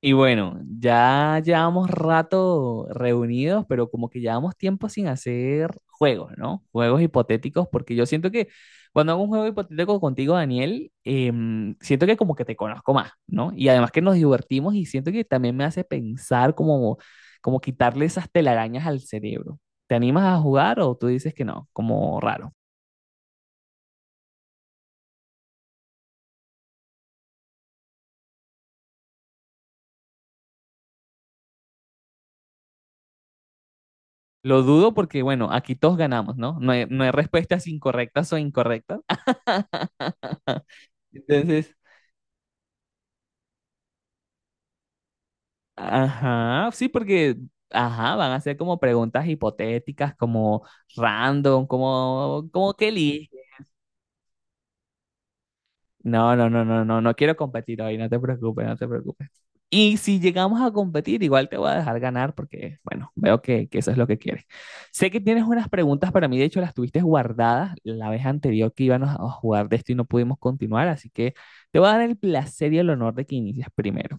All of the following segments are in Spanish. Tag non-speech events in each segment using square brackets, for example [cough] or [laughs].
Y bueno, ya llevamos rato reunidos, pero como que llevamos tiempo sin hacer juegos, ¿no? Juegos hipotéticos, porque yo siento que cuando hago un juego hipotético contigo, Daniel, siento que como que te conozco más, ¿no? Y además que nos divertimos y siento que también me hace pensar como quitarle esas telarañas al cerebro. ¿Te animas a jugar o tú dices que no? Como raro. Lo dudo porque, bueno, aquí todos ganamos, ¿no? No hay respuestas incorrectas o incorrectas. [laughs] Entonces, ajá, sí, porque ajá, van a ser como preguntas hipotéticas, como random, como Kelly. No, no, no, no, no, no quiero competir hoy, no te preocupes, no te preocupes. Y si llegamos a competir, igual te voy a dejar ganar porque, bueno, veo que eso es lo que quieres. Sé que tienes unas preguntas para mí, de hecho las tuviste guardadas la vez anterior que íbamos a jugar de esto y no pudimos continuar, así que te voy a dar el placer y el honor de que inicies primero.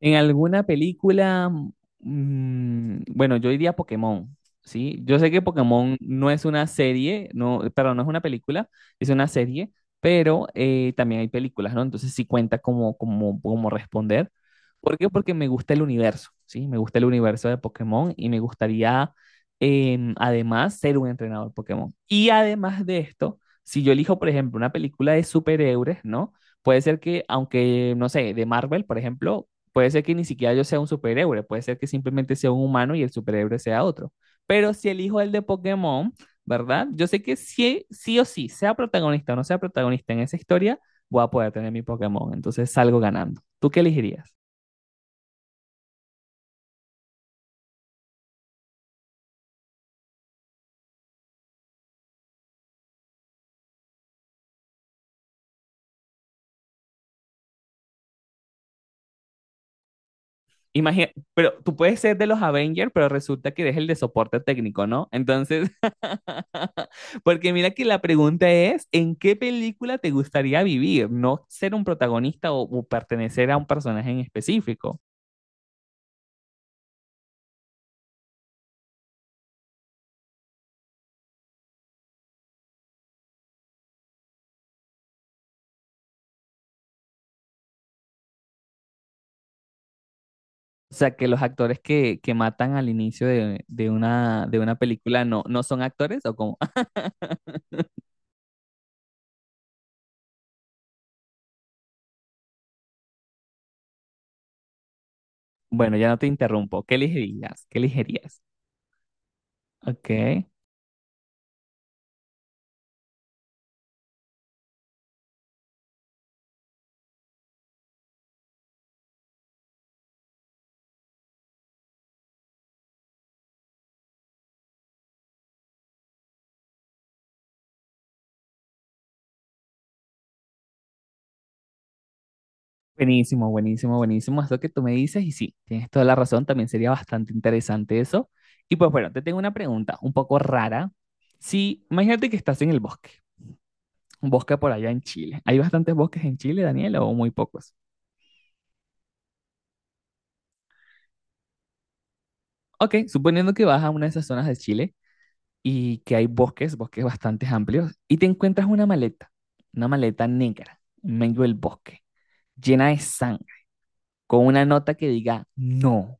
En alguna película, bueno, yo diría Pokémon, ¿sí? Yo sé que Pokémon no es una serie, no, perdón, no es una película, es una serie, pero también hay películas, ¿no? Entonces sí cuenta como responder. ¿Por qué? Porque me gusta el universo, ¿sí? Me gusta el universo de Pokémon y me gustaría, además, ser un entrenador Pokémon. Y además de esto, si yo elijo, por ejemplo, una película de superhéroes, ¿no? Puede ser que, aunque, no sé, de Marvel, por ejemplo, puede ser que ni siquiera yo sea un superhéroe, puede ser que simplemente sea un humano y el superhéroe sea otro. Pero si elijo el de Pokémon, ¿verdad? Yo sé que sí, sí o sí, sea protagonista o no sea protagonista en esa historia, voy a poder tener mi Pokémon. Entonces salgo ganando. ¿Tú qué elegirías? Imagina, pero tú puedes ser de los Avengers, pero resulta que eres el de soporte técnico, ¿no? Entonces, [laughs] porque mira que la pregunta es, ¿en qué película te gustaría vivir? No ser un protagonista o pertenecer a un personaje en específico. O sea, que los actores que matan al inicio de una película no son actores o como... [laughs] Bueno, ya no te interrumpo. ¿Qué elegirías? ¿Qué elegirías? Ok. Buenísimo, buenísimo, buenísimo. Eso que tú me dices y sí, tienes toda la razón. También sería bastante interesante eso. Y pues bueno, te tengo una pregunta un poco rara. Si, imagínate que estás en el bosque, un bosque por allá en Chile. ¿Hay bastantes bosques en Chile, Daniel, o muy pocos? Ok, suponiendo que vas a una de esas zonas de Chile y que hay bosques, bosques bastante amplios, y te encuentras una maleta negra, en medio del bosque, llena de sangre, con una nota que diga no,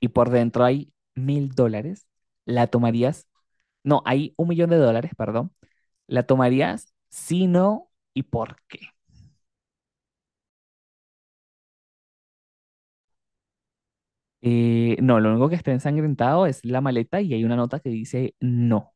y por dentro hay mil dólares, la tomarías, no, hay un millón de dólares, perdón, la tomarías si no y por qué. No, lo único que está ensangrentado es la maleta y hay una nota que dice no.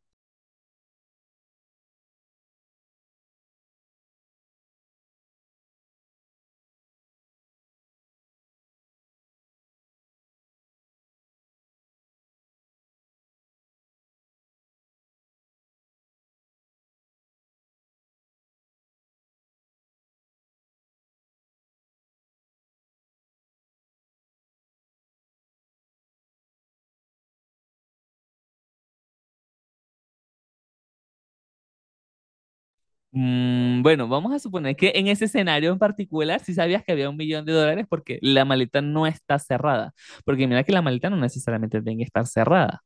Bueno, vamos a suponer que en ese escenario en particular sí sabías que había un millón de dólares porque la maleta no está cerrada. Porque mira que la maleta no necesariamente tiene que estar cerrada.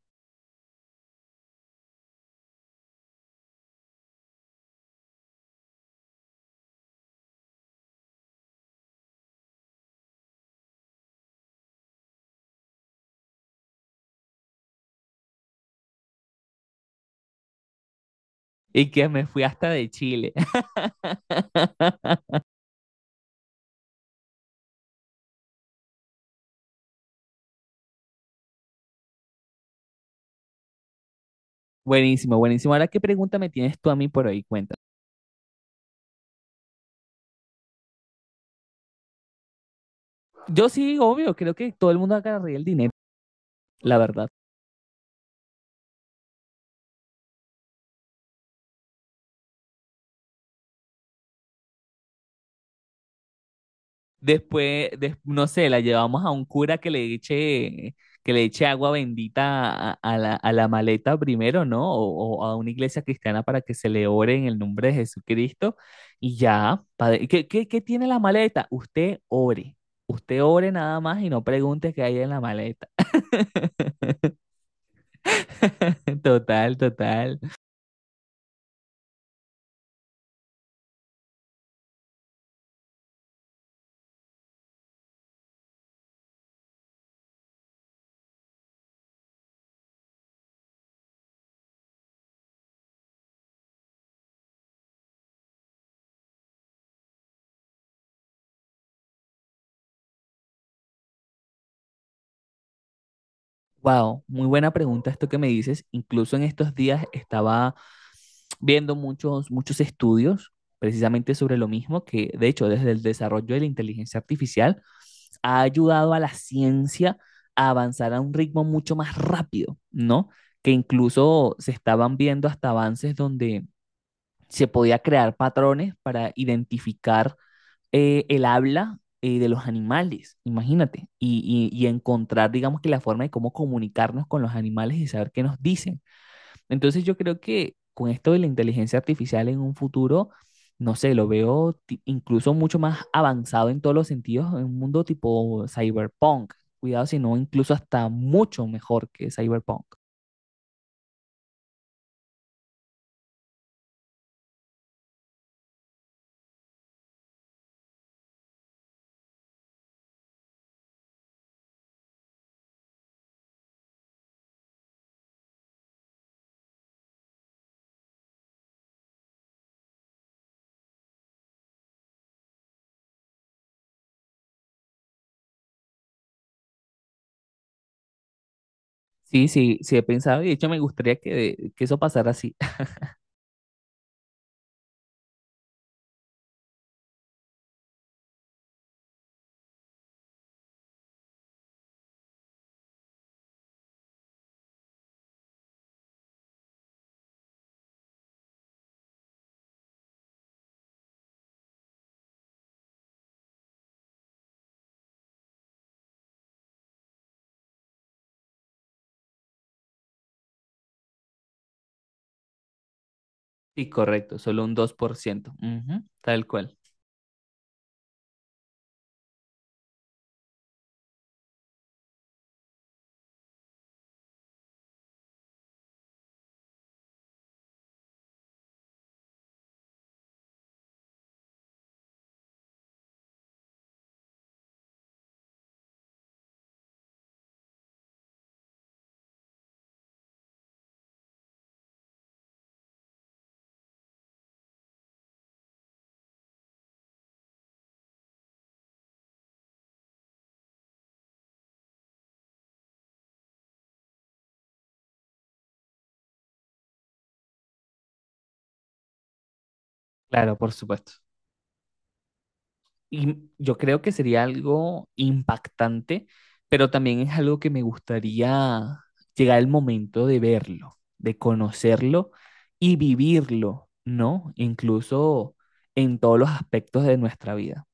Y que me fui hasta de Chile. [laughs] Buenísimo, buenísimo. Ahora, ¿qué pregunta me tienes tú a mí por ahí? Cuenta. Yo sí, obvio, creo que todo el mundo agarraría el dinero, la verdad. Después, no sé, la llevamos a un cura que le eche agua bendita a, a la maleta primero, ¿no? O a una iglesia cristiana para que se le ore en el nombre de Jesucristo. Y ya, padre, ¿qué tiene la maleta? Usted ore. Usted ore nada más y no pregunte qué hay en la maleta. [laughs] Total, total. Wow, muy buena pregunta esto que me dices. Incluso en estos días estaba viendo muchos estudios precisamente sobre lo mismo, que de hecho desde el desarrollo de la inteligencia artificial ha ayudado a la ciencia a avanzar a un ritmo mucho más rápido, ¿no? Que incluso se estaban viendo hasta avances donde se podía crear patrones para identificar el habla de los animales, imagínate, y, y encontrar, digamos que la forma de cómo comunicarnos con los animales y saber qué nos dicen. Entonces yo creo que con esto de la inteligencia artificial en un futuro, no sé, lo veo incluso mucho más avanzado en todos los sentidos, en un mundo tipo cyberpunk. Cuidado, sino incluso hasta mucho mejor que cyberpunk. Sí, sí, sí he pensado y de hecho me gustaría que eso pasara así. [laughs] Sí, correcto, solo un 2%. Ujú, tal cual. Claro, por supuesto. Y yo creo que sería algo impactante, pero también es algo que me gustaría llegar el momento de verlo, de conocerlo y vivirlo, ¿no? Incluso en todos los aspectos de nuestra vida.